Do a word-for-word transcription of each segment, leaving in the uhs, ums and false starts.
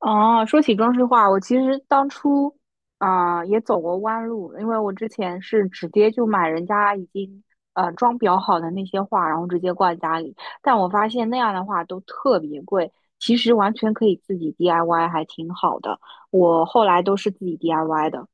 哦，说起装饰画，我其实当初啊、呃也走过弯路，因为我之前是直接就买人家已经呃装裱好的那些画，然后直接挂在家里。但我发现那样的话都特别贵，其实完全可以自己 D I Y，还挺好的。我后来都是自己 D I Y 的。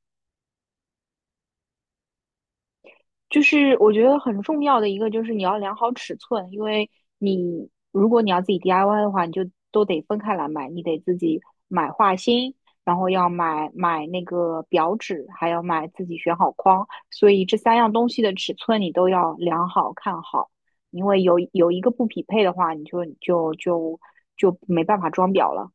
就是我觉得很重要的一个就是你要量好尺寸，因为你如果你要自己 D I Y 的话，你就都得分开来买，你得自己买画芯，然后要买买那个表纸，还要买自己选好框，所以这三样东西的尺寸你都要量好看好，因为有有一个不匹配的话，你就就就就没办法装裱了。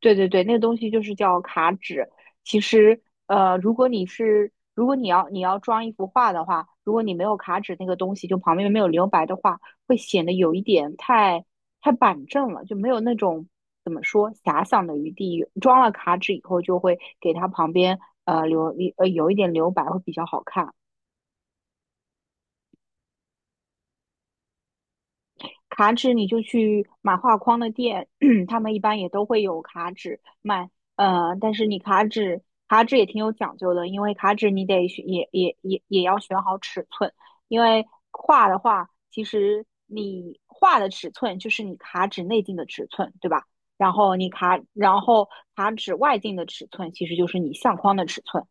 对对对，那个东西就是叫卡纸。其实，呃，如果你是如果你要你要装一幅画的话，如果你没有卡纸那个东西，就旁边没有留白的话，会显得有一点太太板正了，就没有那种怎么说遐想的余地。装了卡纸以后，就会给它旁边呃留一呃有一点留白，会比较好看。卡纸你就去买画框的店，他们一般也都会有卡纸卖。呃，但是你卡纸卡纸也挺有讲究的，因为卡纸你得选也也也也要选好尺寸，因为画的话，其实你画的尺寸就是你卡纸内径的尺寸，对吧？然后你卡，然后卡纸外径的尺寸其实就是你相框的尺寸。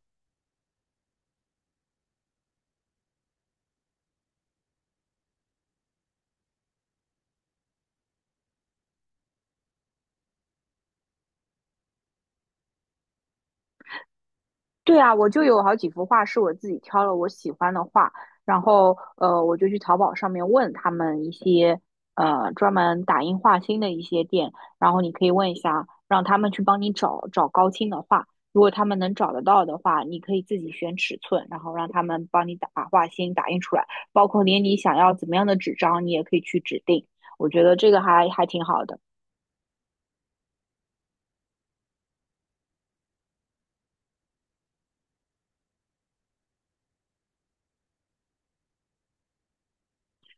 对啊，我就有好几幅画是我自己挑了我喜欢的画，然后呃，我就去淘宝上面问他们一些呃专门打印画心的一些店，然后你可以问一下，让他们去帮你找找高清的画，如果他们能找得到的话，你可以自己选尺寸，然后让他们帮你打把画心打印出来，包括连你想要怎么样的纸张，你也可以去指定，我觉得这个还还挺好的。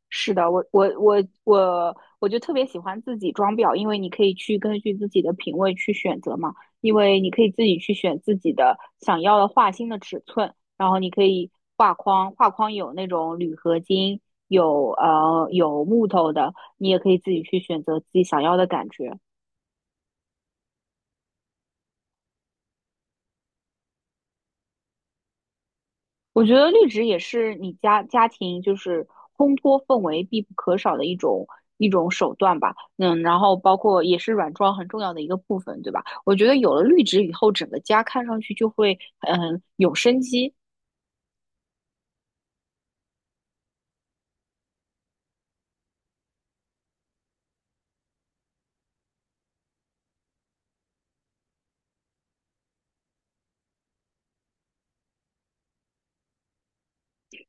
是的，我我我我我就特别喜欢自己装裱，因为你可以去根据自己的品味去选择嘛，因为你可以自己去选自己的想要的画心的尺寸，然后你可以画框，画框有那种铝合金，有呃有木头的，你也可以自己去选择自己想要的感觉。我觉得绿植也是你家家庭就是烘托氛围必不可少的一种一种手段吧。嗯，然后包括也是软装很重要的一个部分，对吧？我觉得有了绿植以后，整个家看上去就会嗯有生机。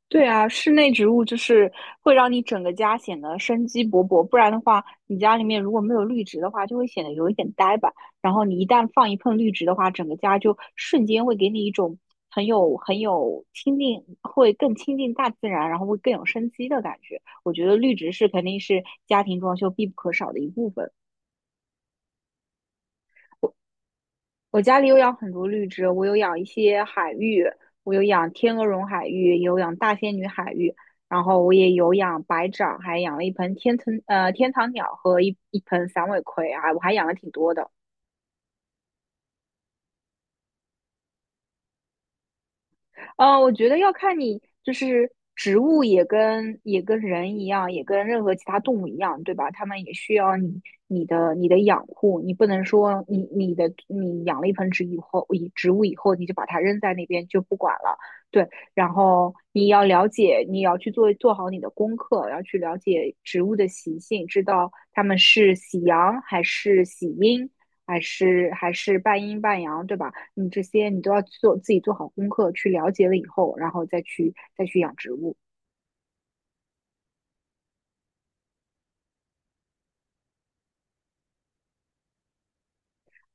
对啊，室内植物就是会让你整个家显得生机勃勃，不然的话，你家里面如果没有绿植的话，就会显得有一点呆板。然后你一旦放一盆绿植的话，整个家就瞬间会给你一种很有很有亲近，会更亲近大自然，然后会更有生机的感觉。我觉得绿植是肯定是家庭装修必不可少的一部分。我家里有养很多绿植，我有养一些海芋，我有养天鹅绒海芋，也有养大仙女海芋，然后我也有养白掌，还养了一盆天藤呃天堂鸟和一一盆散尾葵啊，我还养了挺多的。呃，我觉得要看你，就是植物也跟也跟人一样，也跟任何其他动物一样，对吧？它们也需要你你的你的养护，你不能说你你的你养了一盆植以后，以植物以后你就把它扔在那边就不管了。对。然后你要了解，你要去做做好你的功课，要去了解植物的习性，知道它们是喜阳还是喜阴，还是还是半阴半阳，对吧？你这些你都要做自己做好功课，去了解了以后，然后再去再去养植物。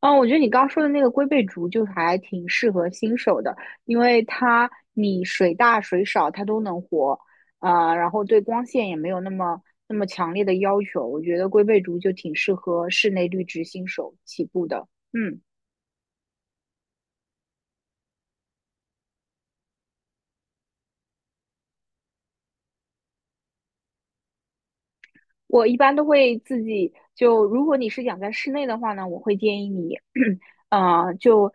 嗯，我觉得你刚说的那个龟背竹就还挺适合新手的，因为它你水大水少它都能活，啊、然后对光线也没有那么那么强烈的要求。我觉得龟背竹就挺适合室内绿植新手起步的。嗯。我一般都会自己就，如果你是养在室内的话呢，我会建议你，呃，就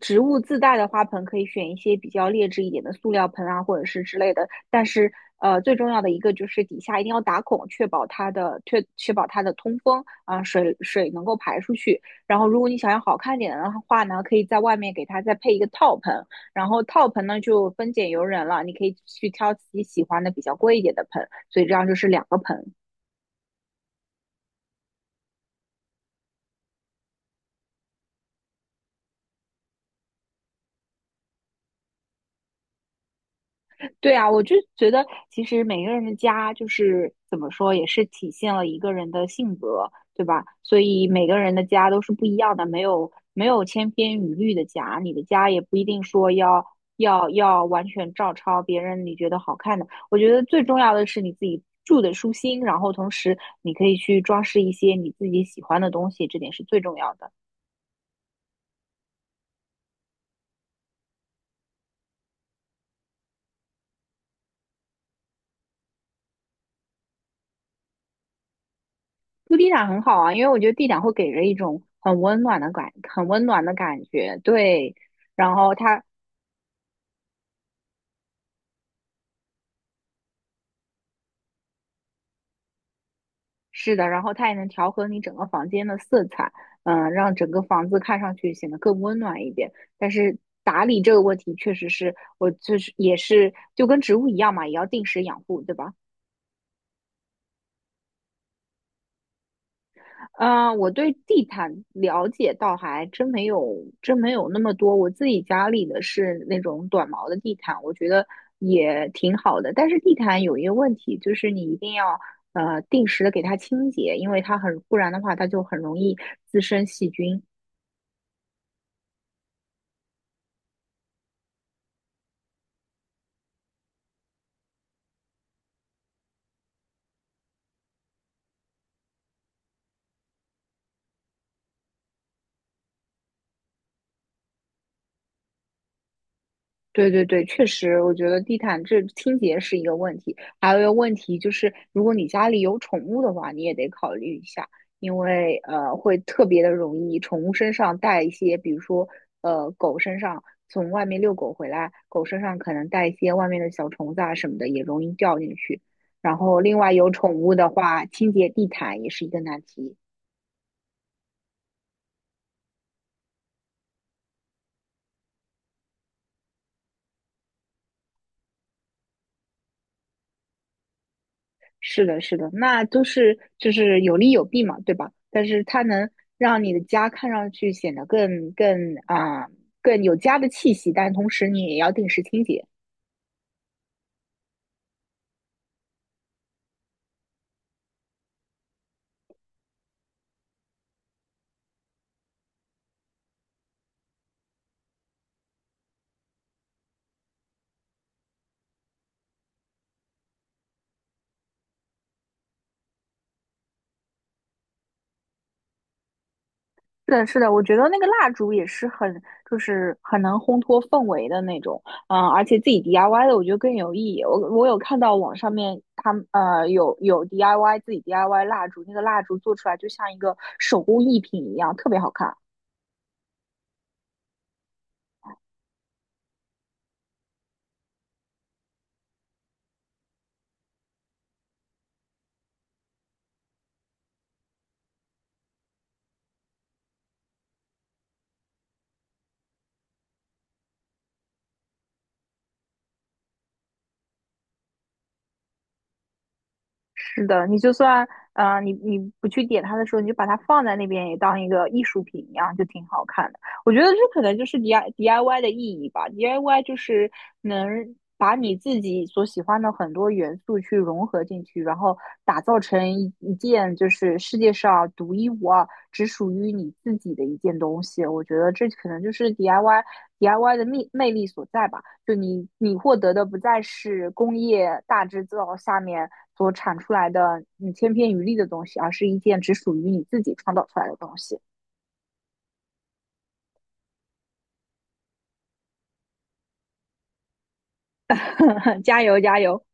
植物自带的花盆可以选一些比较劣质一点的塑料盆啊，或者是之类的。但是，呃，最重要的一个就是底下一定要打孔，确保它的确确保它的通风啊，水水能够排出去。然后，如果你想要好看点的话呢，可以在外面给它再配一个套盆。然后套盆呢就分拣由人了，你可以去挑自己喜欢的比较贵一点的盆。所以这样就是两个盆。对啊，我就觉得其实每个人的家就是怎么说，也是体现了一个人的性格，对吧？所以每个人的家都是不一样的，没有没有千篇一律的家，你的家也不一定说要要要完全照抄别人你觉得好看的。我觉得最重要的是你自己住的舒心，然后同时你可以去装饰一些你自己喜欢的东西，这点是最重要的。铺地毯很好啊，因为我觉得地毯会给人一种很温暖的感，很温暖的感觉。对，然后它是的，然后它也能调和你整个房间的色彩，嗯、让整个房子看上去显得更温暖一点。但是打理这个问题，确实是我就是也是就跟植物一样嘛，也要定时养护，对吧？啊，我对地毯了解倒还真没有，真没有那么多。我自己家里的是那种短毛的地毯，我觉得也挺好的。但是地毯有一个问题，就是你一定要呃定时的给它清洁，因为它很，不然的话它就很容易滋生细菌。对对对，确实，我觉得地毯这清洁是一个问题，还有一个问题就是，如果你家里有宠物的话，你也得考虑一下，因为呃，会特别的容易宠物身上带一些，比如说呃，狗身上从外面遛狗回来，狗身上可能带一些外面的小虫子啊什么的，也容易掉进去。然后另外有宠物的话，清洁地毯也是一个难题。是的，是的，那都是就是有利有弊嘛，对吧？但是它能让你的家看上去显得更更啊、更有家的气息，但同时你也要定时清洁。是的，是的，我觉得那个蜡烛也是很，就是很能烘托氛围的那种，嗯，而且自己 D I Y 的，我觉得更有意义。我我有看到网上面他们呃有有 D I Y 自己 D I Y 蜡烛，那个蜡烛做出来就像一个手工艺品一样，特别好看。是的，你就算呃，你你不去点它的时候，你就把它放在那边，也当一个艺术品一样，就挺好看的。我觉得这可能就是 D I D I Y 的意义吧。D I Y 就是能把你自己所喜欢的很多元素去融合进去，然后打造成一一件就是世界上独一无二、只属于你自己的一件东西。我觉得这可能就是 D I Y D I Y 的魅魅力所在吧。就你你获得的不再是工业大制造下面所产出来的你千篇一律的东西，而是一件只属于你自己创造出来的东西。加油加油！